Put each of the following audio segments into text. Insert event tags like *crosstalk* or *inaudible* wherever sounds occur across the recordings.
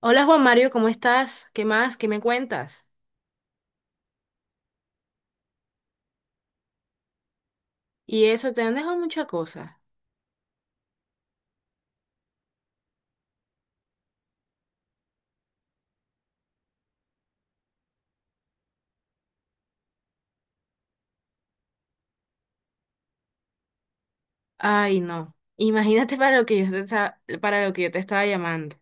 Hola Juan Mario, ¿cómo estás? ¿Qué más? ¿Qué me cuentas? Y eso, te han dejado muchas cosas. Ay, no. Imagínate *laughs* para lo que yo te estaba llamando.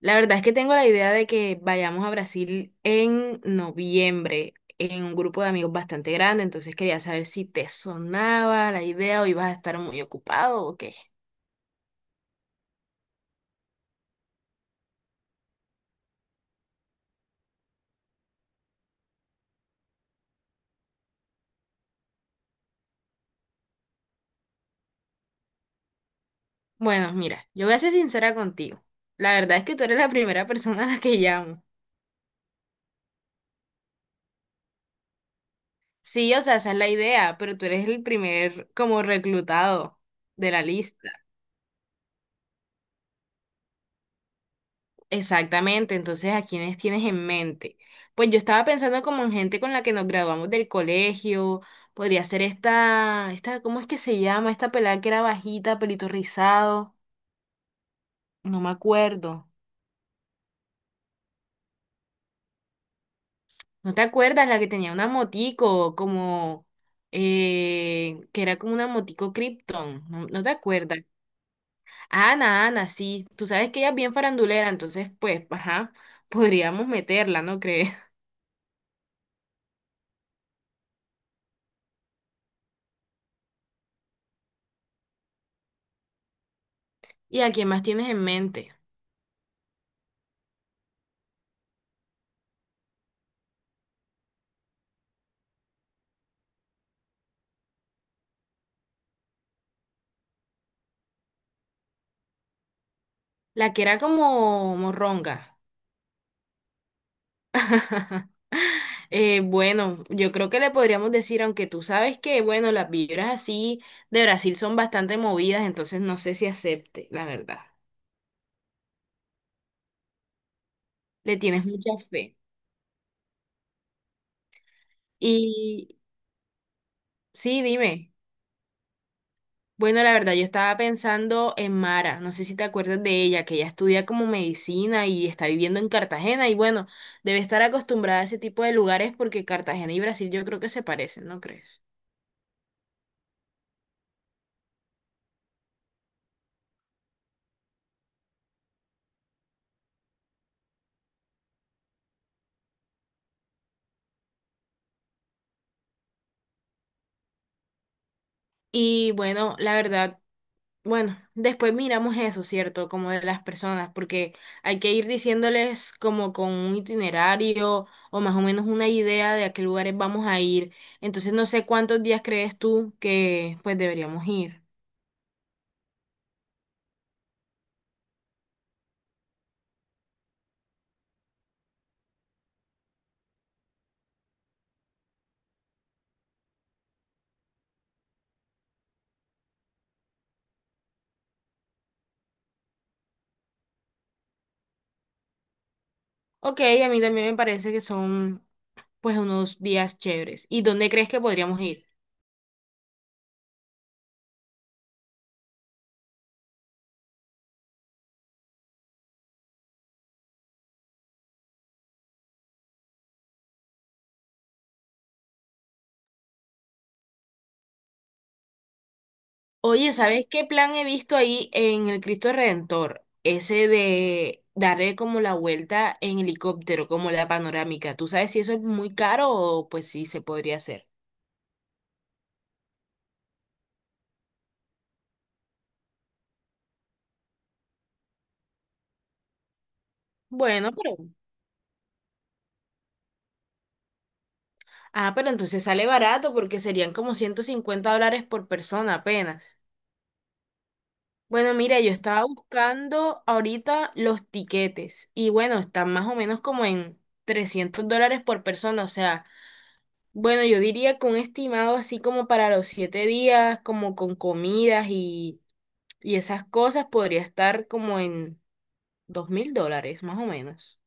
La verdad es que tengo la idea de que vayamos a Brasil en noviembre en un grupo de amigos bastante grande, entonces quería saber si te sonaba la idea o ibas a estar muy ocupado o qué. Bueno, mira, yo voy a ser sincera contigo. La verdad es que tú eres la primera persona a la que llamo. Sí, o sea, esa es la idea, pero tú eres el primer como reclutado de la lista. Exactamente, entonces ¿a quiénes tienes en mente? Pues yo estaba pensando como en gente con la que nos graduamos del colegio, podría ser esta, esta, ¿cómo es que se llama? Esta pelada que era bajita, pelito rizado, no me acuerdo. ¿No te acuerdas? La que tenía una motico, como, que era como una motico Krypton, ¿no, no te acuerdas? Ana, Ana, sí, tú sabes que ella es bien farandulera, entonces pues, ajá, podríamos meterla, ¿no crees? *laughs* ¿Y a quién más tienes en mente? La que era como morronga. Bueno, yo creo que le podríamos decir, aunque tú sabes que, bueno, las vibras así de Brasil son bastante movidas, entonces no sé si acepte, la verdad. Le tienes mucha fe. Y sí, dime. Bueno, la verdad, yo estaba pensando en Mara, no sé si te acuerdas de ella, que ella estudia como medicina y está viviendo en Cartagena y bueno, debe estar acostumbrada a ese tipo de lugares porque Cartagena y Brasil yo creo que se parecen, ¿no crees? Y bueno, la verdad, bueno, después miramos eso, ¿cierto? Como de las personas, porque hay que ir diciéndoles como con un itinerario o más o menos una idea de a qué lugares vamos a ir. Entonces no sé cuántos días crees tú que pues deberíamos ir. Ok, a mí también me parece que son pues unos días chéveres. ¿Y dónde crees que podríamos ir? Oye, ¿sabes qué plan he visto ahí en el Cristo Redentor? Ese de darle como la vuelta en helicóptero, como la panorámica. ¿Tú sabes si eso es muy caro o pues sí se podría hacer? Bueno, pero... Ah, pero entonces sale barato porque serían como $150 por persona apenas. Bueno, mira, yo estaba buscando ahorita los tiquetes y bueno, están más o menos como en $300 por persona, o sea, bueno, yo diría que un estimado así como para los 7 días, como con comidas y esas cosas, podría estar como en $2.000, más o menos.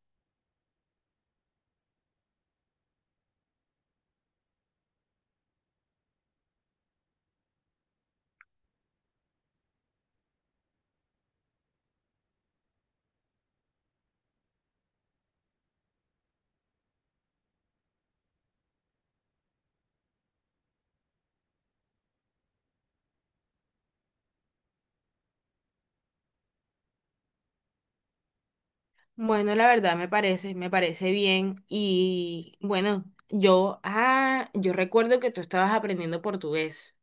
Bueno, la verdad me parece bien y bueno, yo recuerdo que tú estabas aprendiendo portugués.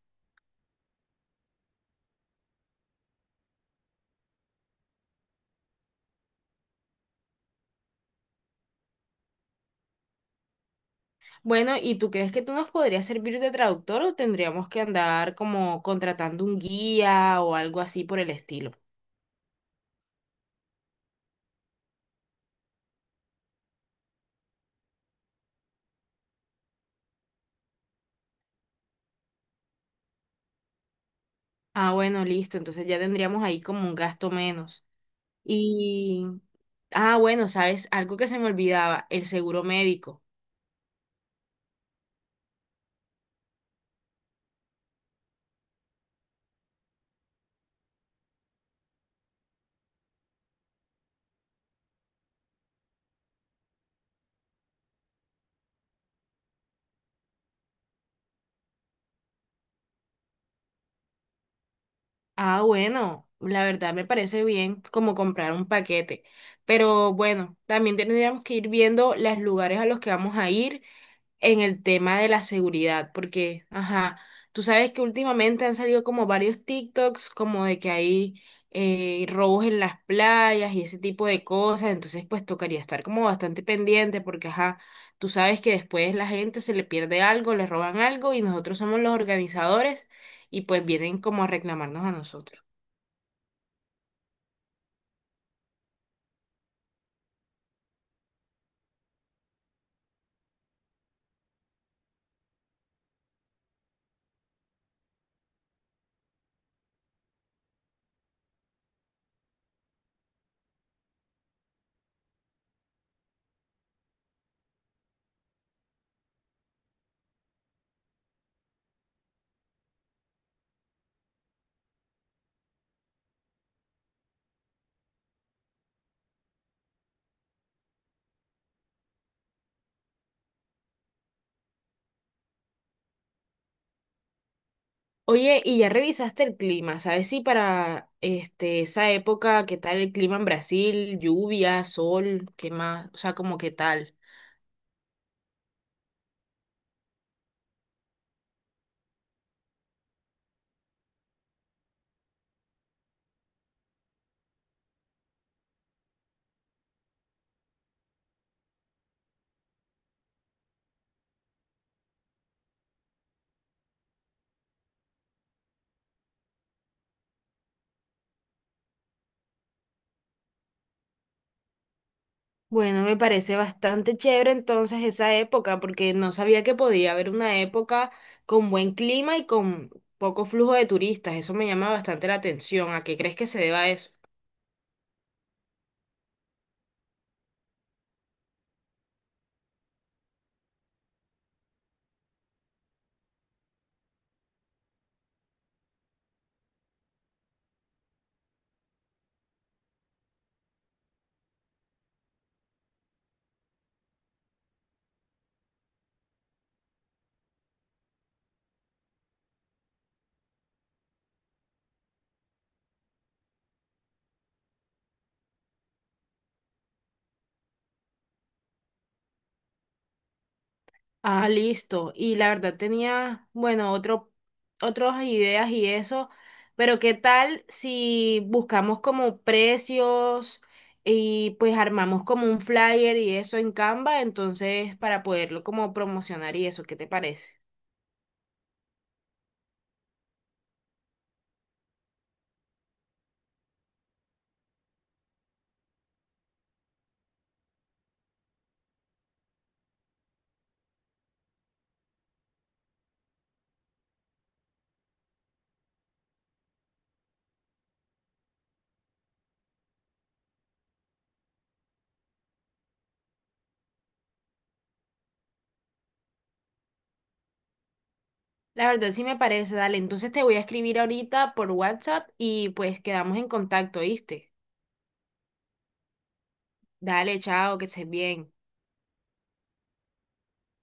Bueno, ¿y tú crees que tú nos podrías servir de traductor o tendríamos que andar como contratando un guía o algo así por el estilo? Ah, bueno, listo, entonces ya tendríamos ahí como un gasto menos. Y, bueno, ¿sabes? Algo que se me olvidaba, el seguro médico. Ah, bueno, la verdad me parece bien como comprar un paquete, pero bueno, también tendríamos que ir viendo los lugares a los que vamos a ir en el tema de la seguridad, porque, ajá, tú sabes que últimamente han salido como varios TikToks, como de que hay robos en las playas y ese tipo de cosas, entonces pues tocaría estar como bastante pendiente, porque, ajá, tú sabes que después la gente se le pierde algo, le roban algo y nosotros somos los organizadores y pues vienen como a reclamarnos a nosotros. Oye, y ya revisaste el clima, ¿sabes si para este esa época qué tal el clima en Brasil, lluvia, sol, qué más, o sea, como qué tal? Bueno, me parece bastante chévere entonces esa época, porque no sabía que podía haber una época con buen clima y con poco flujo de turistas. Eso me llama bastante la atención. ¿A qué crees que se deba eso? Ah, listo. Y la verdad tenía, bueno, otro, otras ideas y eso, pero ¿qué tal si buscamos como precios y pues armamos como un flyer y eso en Canva, entonces para poderlo como promocionar y eso, ¿qué te parece? La verdad sí me parece, dale. Entonces te voy a escribir ahorita por WhatsApp y pues quedamos en contacto, ¿viste? Dale, chao, que estés bien.